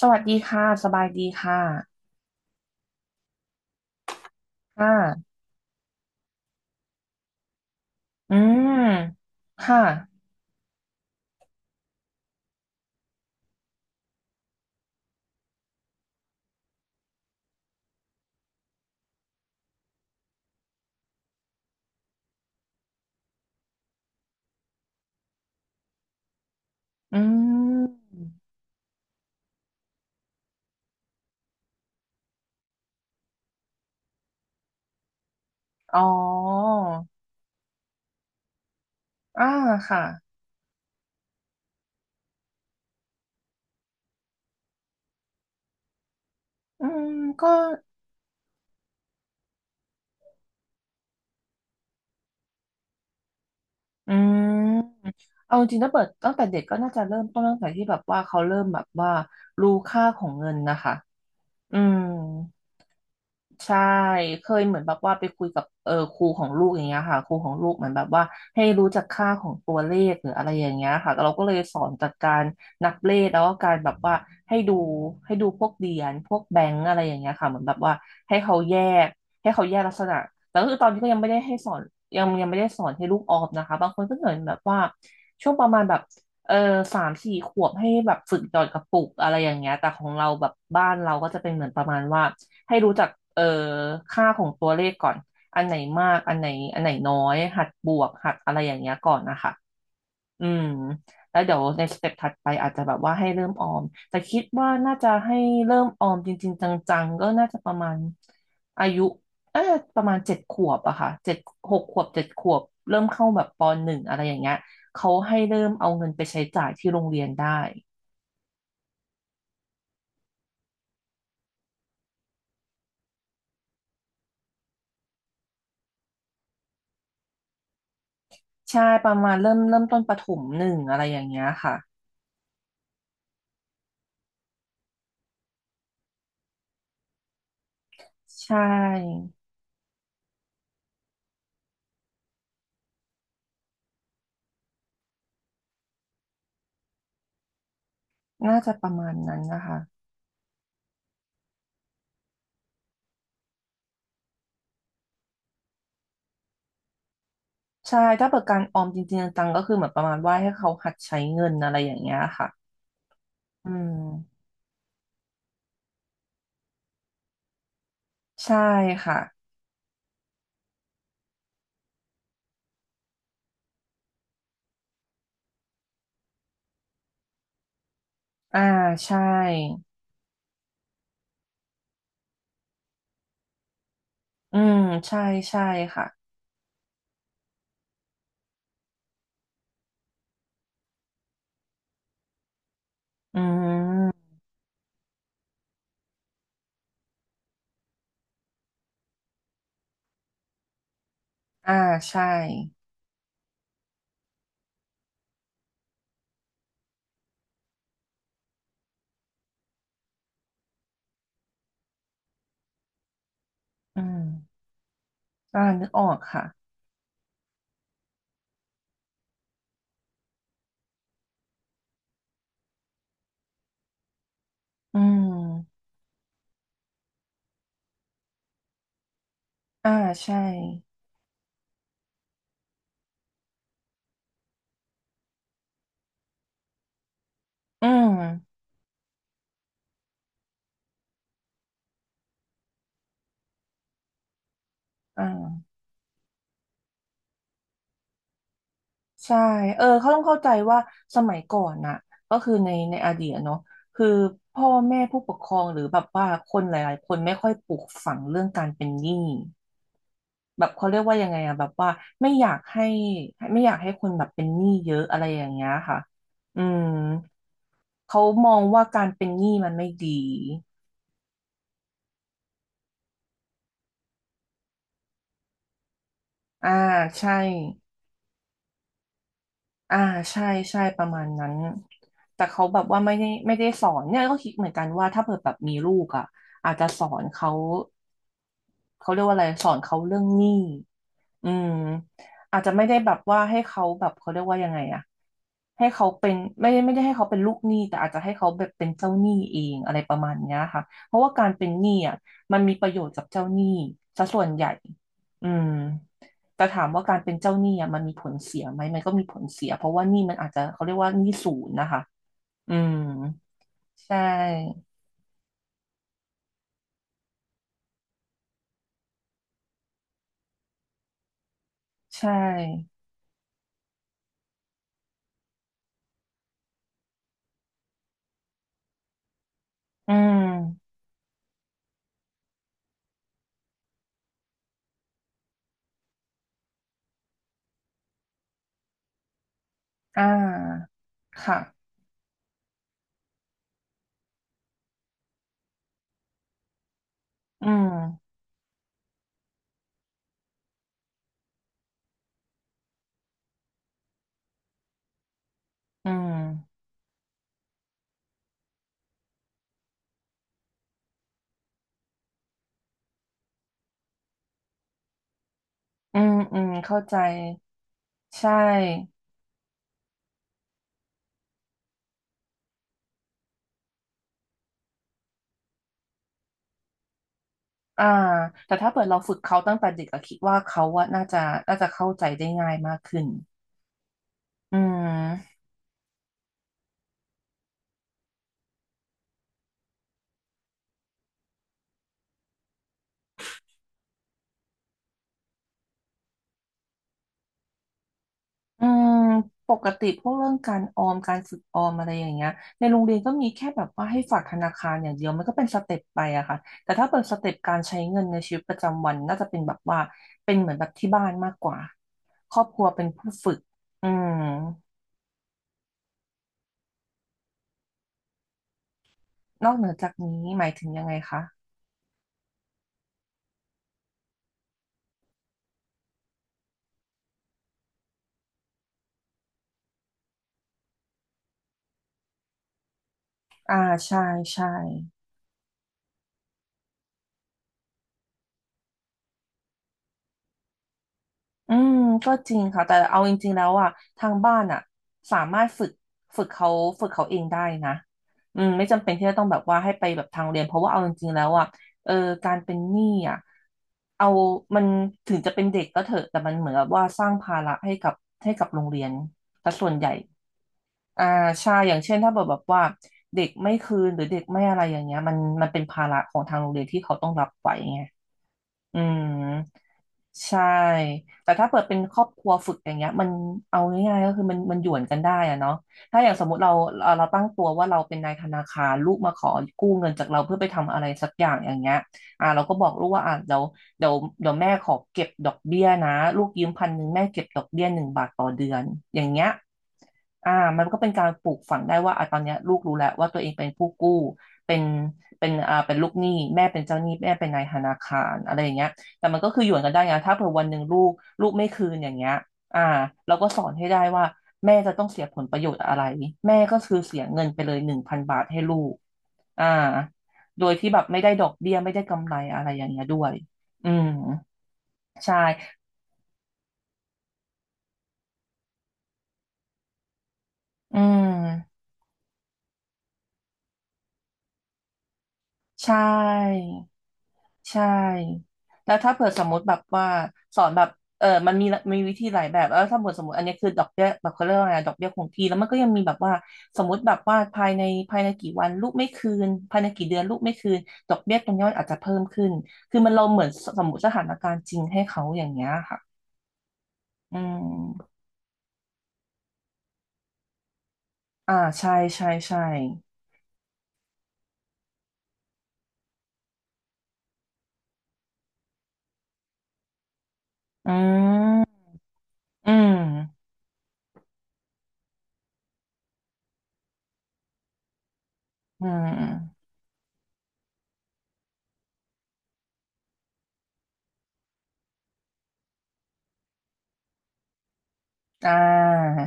สวัสดีค่ะ สบายดีค่ะ ค่ะ อืมค่ะอืมอ๋ออ่าค่ะ อืมก็อืมเอาจริงๆถ้าเปิดตั้งแต่เด็กก็น่าจะเริ่มต้นตั้งแต่ที่แบบว่าเขาเริ่มแบบว่ารู้ค่าของเงินนะคะ อืม ใช่ เคยเหมือนแบบว่าไปคุยกับครูของลูกอย่างเงี้ยค่ะครูของลูกเหมือนแบบว่าให้รู้จักค่าของตัวเลขหรืออะไรอย่างเงี้ยค่ะเราก็เลยสอนจากการนับเลขแล้วก็การแบบว่าให้ดูให้ดูพวกเหรียญพวกแบงก์อะไรอย่างเงี้ยค่ะเหมือนแบบว่าให้เขาแยกให้เขาแยกลักษณะแต่ก็คือตอนนี้ก็ยังไม่ได้ให้สอนยังไม่ได้สอนให้ลูกออมนะคะบางคนก็เหมือนแบบว่าช่วงประมาณแบบเออสามสี่ขวบให้แบบฝึกหยอดกระปุกอะไรอย่างเงี้ยแต่ของเราแบบบ้านเราก็จะเป็นเหมือนประมาณว่า ให้รู้จักเอ่อค่าของตัวเลขก่อนอันไหนมากอันไหนน้อยหัดบวกหัดอะไรอย่างเงี้ยก่อนนะคะอืมแล้วเดี๋ยวในสเต็ปถัดไปอาจจะแบบว่าให้เริ่มออมแต่คิดว่าน่าจะให้เริ่มออมจริงๆจังๆก็น่าจะประมาณอายุเออประมาณเจ็ดขวบอะค่ะเจ็ดหกขวบเจ็ดขวบเริ่มเข้าแบบปหนึ่งอะไรอย่างเงี้ยเขาให้เริ่มเอาเงินไปใช้จ่ายที่โรงเรียนได้ใช่ประมาณเริ่มต้นประถมหนึ่งอะไรอย่างเงี้ยค่ะใช่ น่าจะประมาณนั้นนะคะใช่ถ้าเปิดการออมจริงๆจังๆก็คือเหมือนประมาณว่าให้เขาหัดใช้เงินอะไรอย่างเงี้ยค่ะอืมใช่ค่ะอ่าใช่อืมใช่ใช่ค่ะอืมอ่าใช่อืมอ่านึกออกค่ะอืมอ่าใช่อืมอ่า ใช่เขาต้องเข้าใจว่าสมัยก่อนน่ะก็คือในในอดีตอะเนาะคือพ่อแม่ผู้ปกครองหรือแบบว่าคนหลายๆคนไม่ค่อยปลูกฝังเรื่องการเป็นหนี้แบบเขาเรียกว่ายังไงอะแบบว่าไม่อยากให้ไม่อยากให้คนแบบเป็นหนี้เยอะอะไรอย่างเงี้ยค่ะอืมเขามองว่าการเป็นหนี้มันไม่ดีอ่าใช่ อ่าใช่ใช่ประมาณนั้นแต่เขาแบบว่าไม่ได้สอนเนี่ยก็คิดเหมือนกันว่าถ้าเกิดแบบมีลูกอ่ะอาจจะสอนเขาเขาเรียกว่าอะไรสอนเขาเรื่องหนี้ อืมอาจจะไม่ได้แบบว่าให้เขาแบบเขาเรียกว่ายังไงอะให้เขาเป็นไม่ได้ให้เขาเป็นลูกหนี้แต่อาจจะให้เขาแบบเป็นเจ้าหนี้เองอะไรประมาณเนี้ยค่ะเพราะว่าการเป็นหนี้อะมันมีประโยชน์กับเจ้าหนี้ซะส่วนใหญ่อืมแต่ถามว่าการเป็นเจ้าหนี้อะมันมีผลเสียไหมมันก็มีผลเสียเพราะว่าหนี้มันอาจจะเขาเรียกว่าหนี้ศูนย์นะคะอืมใช่ใช่อืมอ่าค่ะอืมอืมอืมอืมเข้าใจ ใช่อ่าแต่ถ้าเปิดเราฝึกเขาตั้งแต่เด็กอะคิดว่าเขาอะน่าจะน่าจะเข้าใจได้ง่ายมากขึ้น อืมอืมปกติพวกเรื่องการออมการฝึกออมอะไรอย่างเงี้ยในโรงเรียนก็มีแค่แบบว่าให้ฝากธนาคารอย่างเดียวมันก็เป็นสเต็ปไปอะค่ะแต่ถ้าเปิดสเต็ปการใช้เงินในชีวิตประจำวันน่าจะเป็นแบบว่าเป็นเหมือนแบบที่บ้านมากกว่าครอบครัวเป็นผู้ฝึกอืมนอกเหนือจากนี้หมายถึงยังไงคะอ่าใช่ใช่ อืมก็จริงค่ะแต่เอาจริงๆแล้วอ่ะทางบ้านอ่ะสามารถฝึกเขาฝึกเขาเองได้นะอืมไม่จำเป็นที่จะต้องแบบว่าให้ไปแบบทางเรียนเพราะว่าเอาจริงๆแล้วอ่ะเออการเป็นหนี้อ่ะเอามันถึงจะเป็นเด็กก็เถอะแต่มันเหมือนกับว่าสร้างภาระให้กับโรงเรียนแต่ส่วนใหญ่อ่าใช่อย่างเช่นถ้าแบบว่าเด็กไม่คืนหรือเด็กไม่อะไรอย่างเงี้ยมันเป็นภาระของทางโรงเรียนที่เขาต้องรับไว้ไงอืม ใช่แต่ถ้าเปิดเป็นครอบครัวฝึกอย่างเงี้ยมันเอาง่ายๆก็คือมันหยวนกันได้อะเนาะถ้าอย่างสมมติเราเราตั้งตัวว่าเราเป็นนายธนาคารลูกมาขอกู้เงินจากเราเพื่อไปทำอะไรสักอย่างอย่างเงี้ยเราก็บอกลูกว่าเดี๋ยวเดี๋ยวแม่ขอเก็บดอกเบี้ยนะลูกยืม1,000แม่เก็บดอกเบี้ย1 บาทต่อเดือนอย่างเงี้ยอ่ามันก็เป็นการปลูกฝังได้ว่าอ่ะตอนเนี้ยลูกรู้แล้วว่าตัวเองเป็นผู้กู้เป็นเป็นลูกหนี้แม่เป็นเจ้าหนี้แม่เป็นนายธนาคารอะไรอย่างเงี้ย แต่มันก็คือหยวนกันได้นะถ้าเผื่อวันหนึ่งลูกไม่คืนอย่างเงี้ยอ่าเราก็สอนให้ได้ว่าแม่จะต้องเสียผลประโยชน์อะไรแม่ก็คือเสียเงินไปเลย1,000 บาทให้ลูกอ่าโดยที่แบบไม่ได้ดอกเบี้ยไม่ได้กำไรอะไรอย่างเงี้ยด้วยอืมใช่อืมใช่ ใช่ แล้วถ้าเผื่อสมมติแบบว่าสอนแบบมันมีมีวิธีหลายแบบแล้วถ้าเผื่อสมมติอันนี้คือดอกเบี้ยแบบเขาเรียกว่าไงดอกเบี้ยคงที่แล้วมันก็ยังมีแบบว่าสมมติแบบว่าภายในกี่วันลูกไม่คืนภายในกี่เดือนลูกไม่คืนดอกเบี้ยตรงเนี้มันอาจจะเพิ่มขึ้นคือมันเราเหมือนสมมติสถานการณ์จริงให้เขาอย่างเงี้ยค่ะอืมใช่ใช่ใช่อืมอืมอืมอ่า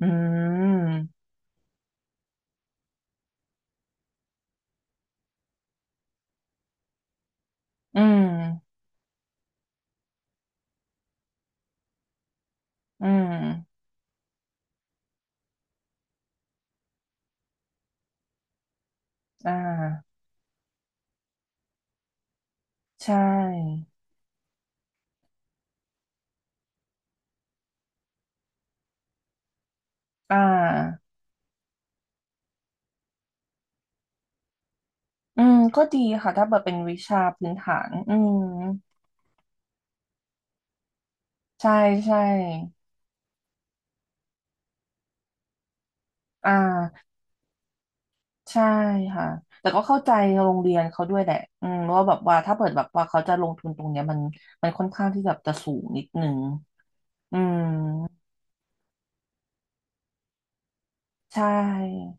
อืมอืมอืมอ่า ใช่ อ่าอืมก็ดีค่ะถ้าเปิดเป็นวิชาพื้นฐานอืมใช่ ใช่ อ่าใช่ค่ะแต่ก็เข้าใจโรงเรียนเขาด้วยแหละอืมว่าแบบว่าถ้าเปิดแบบว่าเขาจะลงทุนตรงเนี้ยมันค่อนข้างที่แบบจะสูงนิดนึงอืมใช่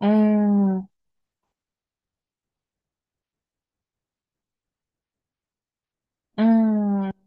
อืมอืม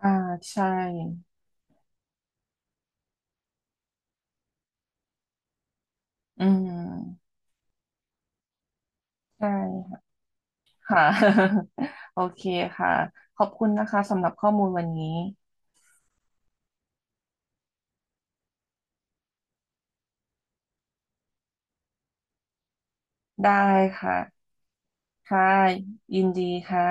อ่า ใช่อืมใช่ค่ะ โอเคค่ะ ขอบคุณนะคะสำหรับข้อมูลวันนี้ ได้ค่ะ ค่ะยินดีค่ะ